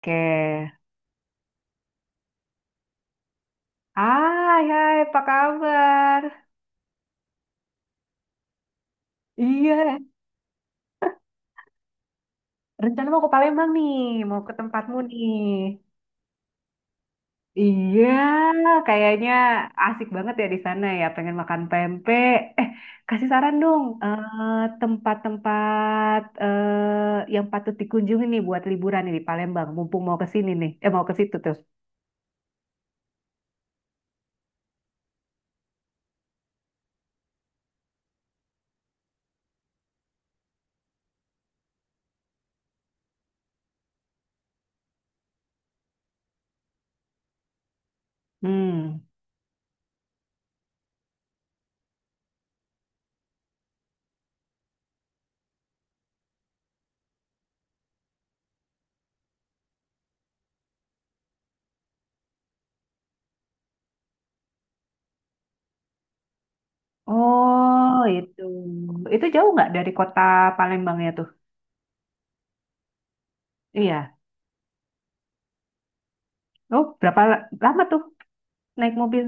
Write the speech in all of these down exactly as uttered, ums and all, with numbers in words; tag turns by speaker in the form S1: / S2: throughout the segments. S1: Oke. Hai, hai, apa kabar? Iya, rencana mau ke Palembang nih, mau ke tempatmu nih. Iya, kayaknya asik banget ya di sana ya, pengen makan pempek. Eh, kasih saran dong, eh, tempat-tempat eh, yang patut dikunjungi nih buat liburan nih di Palembang, mumpung mau ke sini nih, eh mau ke situ tuh. Hmm. Oh, itu. Itu jauh nggak dari kota Palembangnya tuh? Iya. Oh, berapa la- lama tuh? Naik mobil.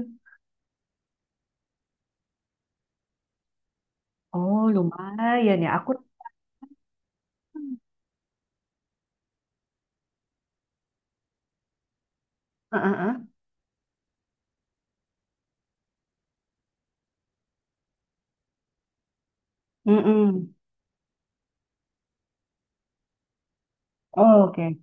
S1: Oh, lumayan ya. Aku heeh, heeh. Mm-mm. Oh, oke.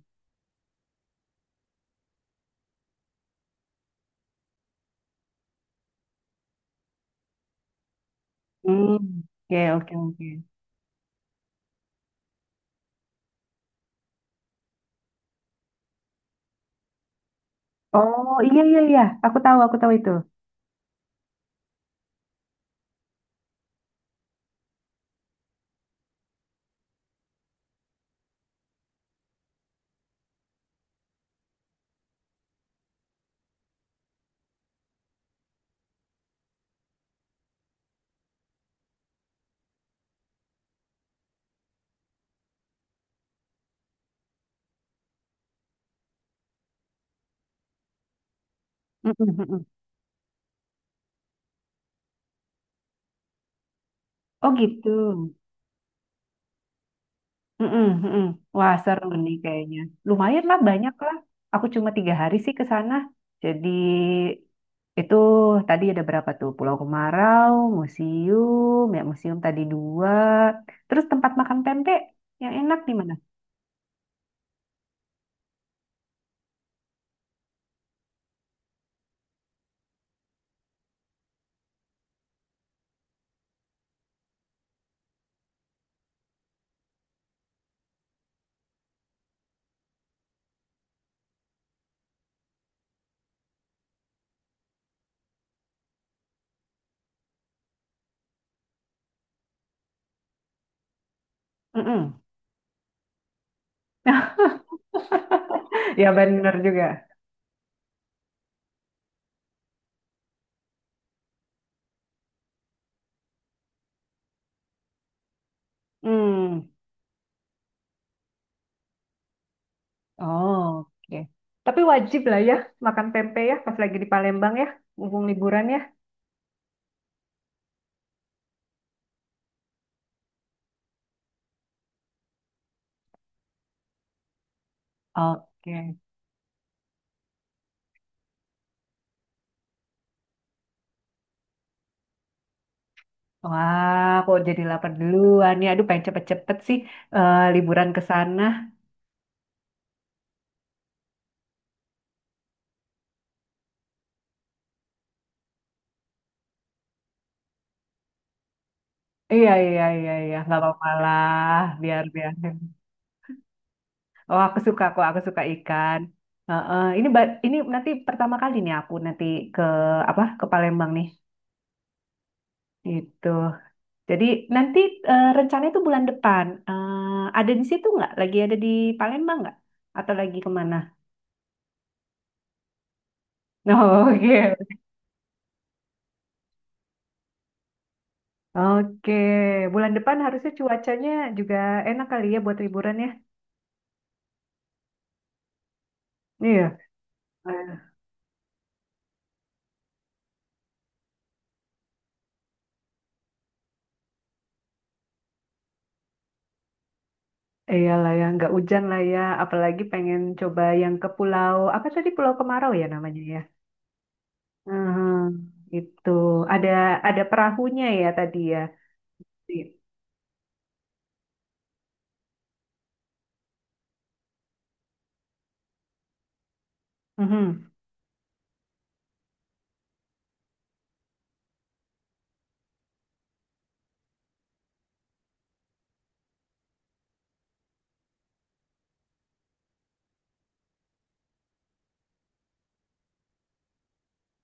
S1: Mm. Oke, oke, oke. Oh, iya iya iya. Aku tahu, aku tahu itu. Mm-mm, mm-mm. Oh, gitu. Mm-mm, mm-mm. Wah, seru nih kayaknya. Lumayan lah, banyak lah. Aku cuma tiga hari sih ke sana. Jadi itu tadi ada berapa tuh? Pulau Kemarau, museum, ya museum tadi dua. Terus tempat makan pempek yang enak di mana? Mm-mm. Ya bener juga. Hmm, oh, oke. Tapi wajib lah ya makan pempek ya pas lagi di Palembang ya, mumpung liburan ya. Oke. Wah, kok jadi lapar duluan ya. Aduh, pengen cepet-cepet sih eh, liburan ke sana. Iya, iya, iya, iya. Nggak apa-apa lah. Biar, biar. Oh, aku suka kok. Aku suka ikan. Heeh. Ini, ba- ini nanti pertama kali nih aku nanti ke apa ke Palembang nih. Gitu. Jadi nanti eh, rencana itu bulan depan. Eh, ada di situ nggak? Lagi ada di Palembang nggak? Atau lagi kemana? Oke, oke. Bulan depan harusnya cuacanya juga enak kali ya buat liburan ya. Iya. Eh, iyalah ya, nggak hujan lah ya. Apalagi pengen coba yang ke pulau apa tadi Pulau Kemarau ya namanya ya. Mhm, itu ada ada perahunya ya tadi ya. Iya. Mhm.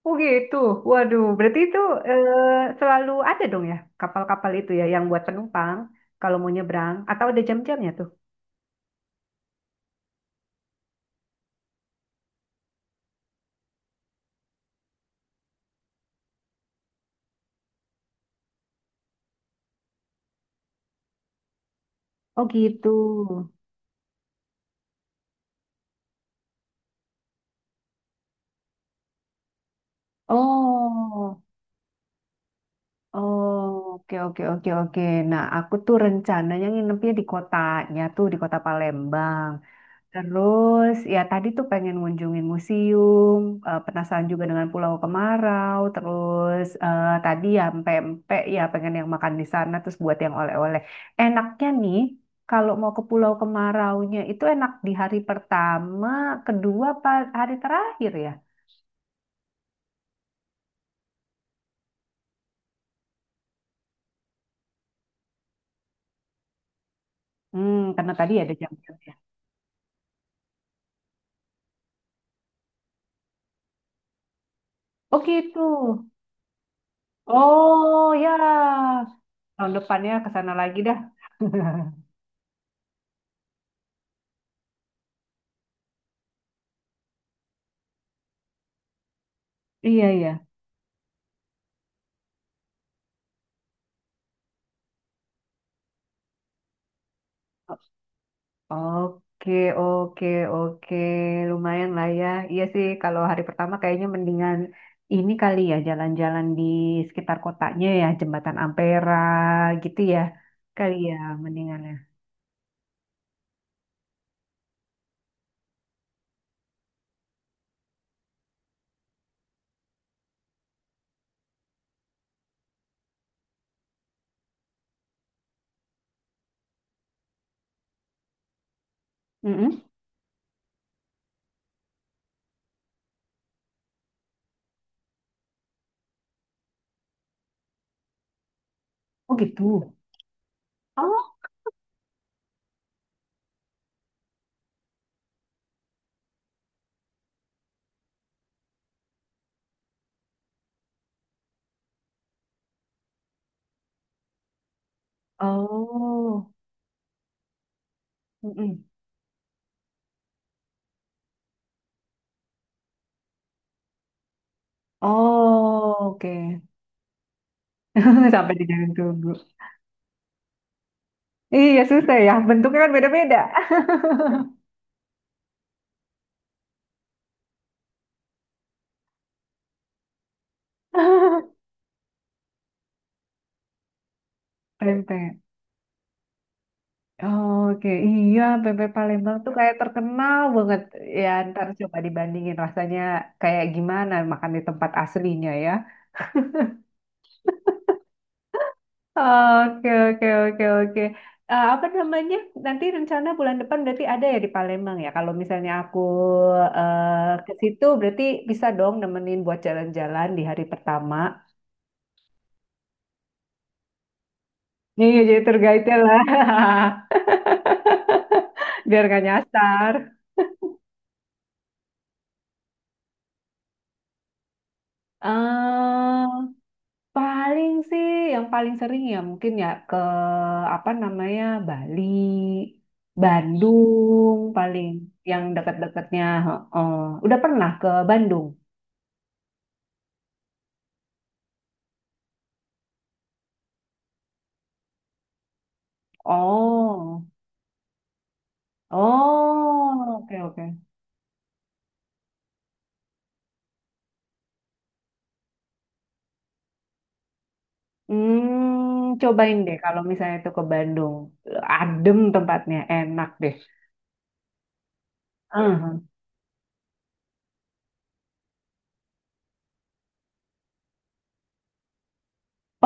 S1: Oh gitu. Waduh, berarti itu eh, selalu ada dong ya kapal-kapal itu ya yang buat penumpang kalau mau nyebrang atau ada jam-jamnya tuh. Oh gitu. Oh, oh, oke oke oke oke. Nah, aku tuh rencananya nginepnya di kotanya tuh di kota Palembang. Terus ya tadi tuh pengen ngunjungin museum, eh, penasaran juga dengan Pulau Kemarau, terus eh, tadi ya pempek ya pengen yang makan di sana terus buat yang oleh-oleh. Enaknya nih kalau mau ke Pulau Kemaraunya itu enak di hari pertama, kedua, apa hari terakhir ya. Hmm, karena tadi ada jam-jamnya. Oh gitu. Oh ya, tahun depannya ke sana lagi dah. Iya iya. Oke, oke, oke. Lumayan lah ya. Iya sih, kalau hari pertama kayaknya mendingan ini kali ya, jalan-jalan di sekitar kotanya ya, Jembatan Ampera gitu ya. Kali ya, mendingan ya. Mm-mm. Oh gitu. Oh, oh. Mm-mm. Oh, oke. Sampai di jalan tunggu. Iya, susah ya. Bentuknya kan beda-beda. Pempek. Oke, iya bebek Palembang tuh kayak terkenal banget. Ya, ntar coba dibandingin rasanya kayak gimana makan di tempat aslinya ya. Oke, oke, oke, oke. Eh, apa namanya? Nanti rencana bulan depan berarti ada ya di Palembang ya. Kalau misalnya aku eh, ke situ berarti bisa dong nemenin buat jalan-jalan di hari pertama. Iya, jadi tergaitnya lah. Biar gak nyasar. Paling sih yang paling sering ya mungkin ya ke apa namanya Bali, Bandung paling yang dekat-dekatnya. Heeh. Udah pernah ke Bandung? Oh, oh, oke oke. Hmm, cobain deh kalau misalnya itu ke Bandung, adem tempatnya, enak deh. Heeh.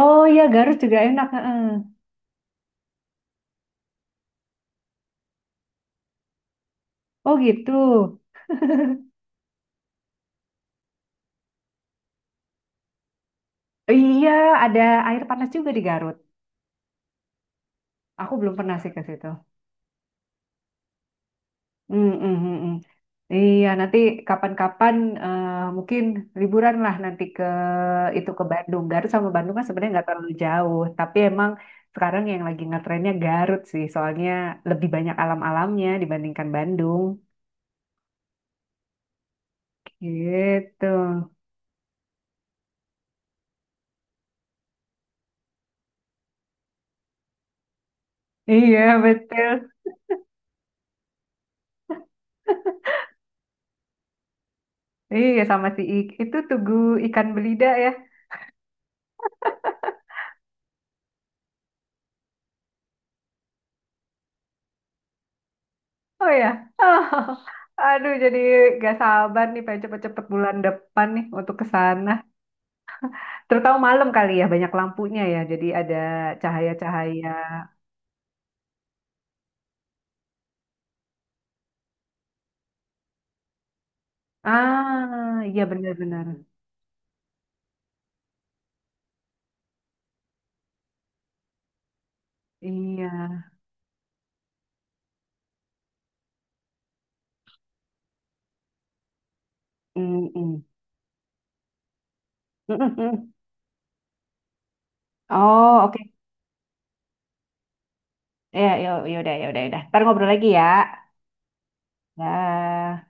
S1: Oh iya Garut juga enak. Heeh. Oh gitu. Iya ada air panas juga di Garut. Aku belum pernah sih ke situ. Hmm, hmm, hmm, hmm. Iya, nanti kapan-kapan eh, mungkin liburan lah nanti ke itu ke Bandung. Garut sama Bandung kan sebenarnya nggak terlalu jauh, tapi emang sekarang yang lagi ngetrennya Garut sih, soalnya lebih banyak alam-alamnya dibandingkan Bandung. Gitu. Iya, betul. Iya, sama si I- itu Tugu Ikan Belida ya. Oh ya. Aduh, jadi gak sabar nih pengen cepet-cepet bulan depan nih untuk ke sana. Terutama malam kali ya, banyak lampunya ya. Jadi ada cahaya-cahaya. Ah, iya benar-benar. Iya. Mm-mm. Mm-mm. Oh, oke. Ya, ya, ya udah, ya udah, ya udah. Ntar ngobrol lagi ya. Dah.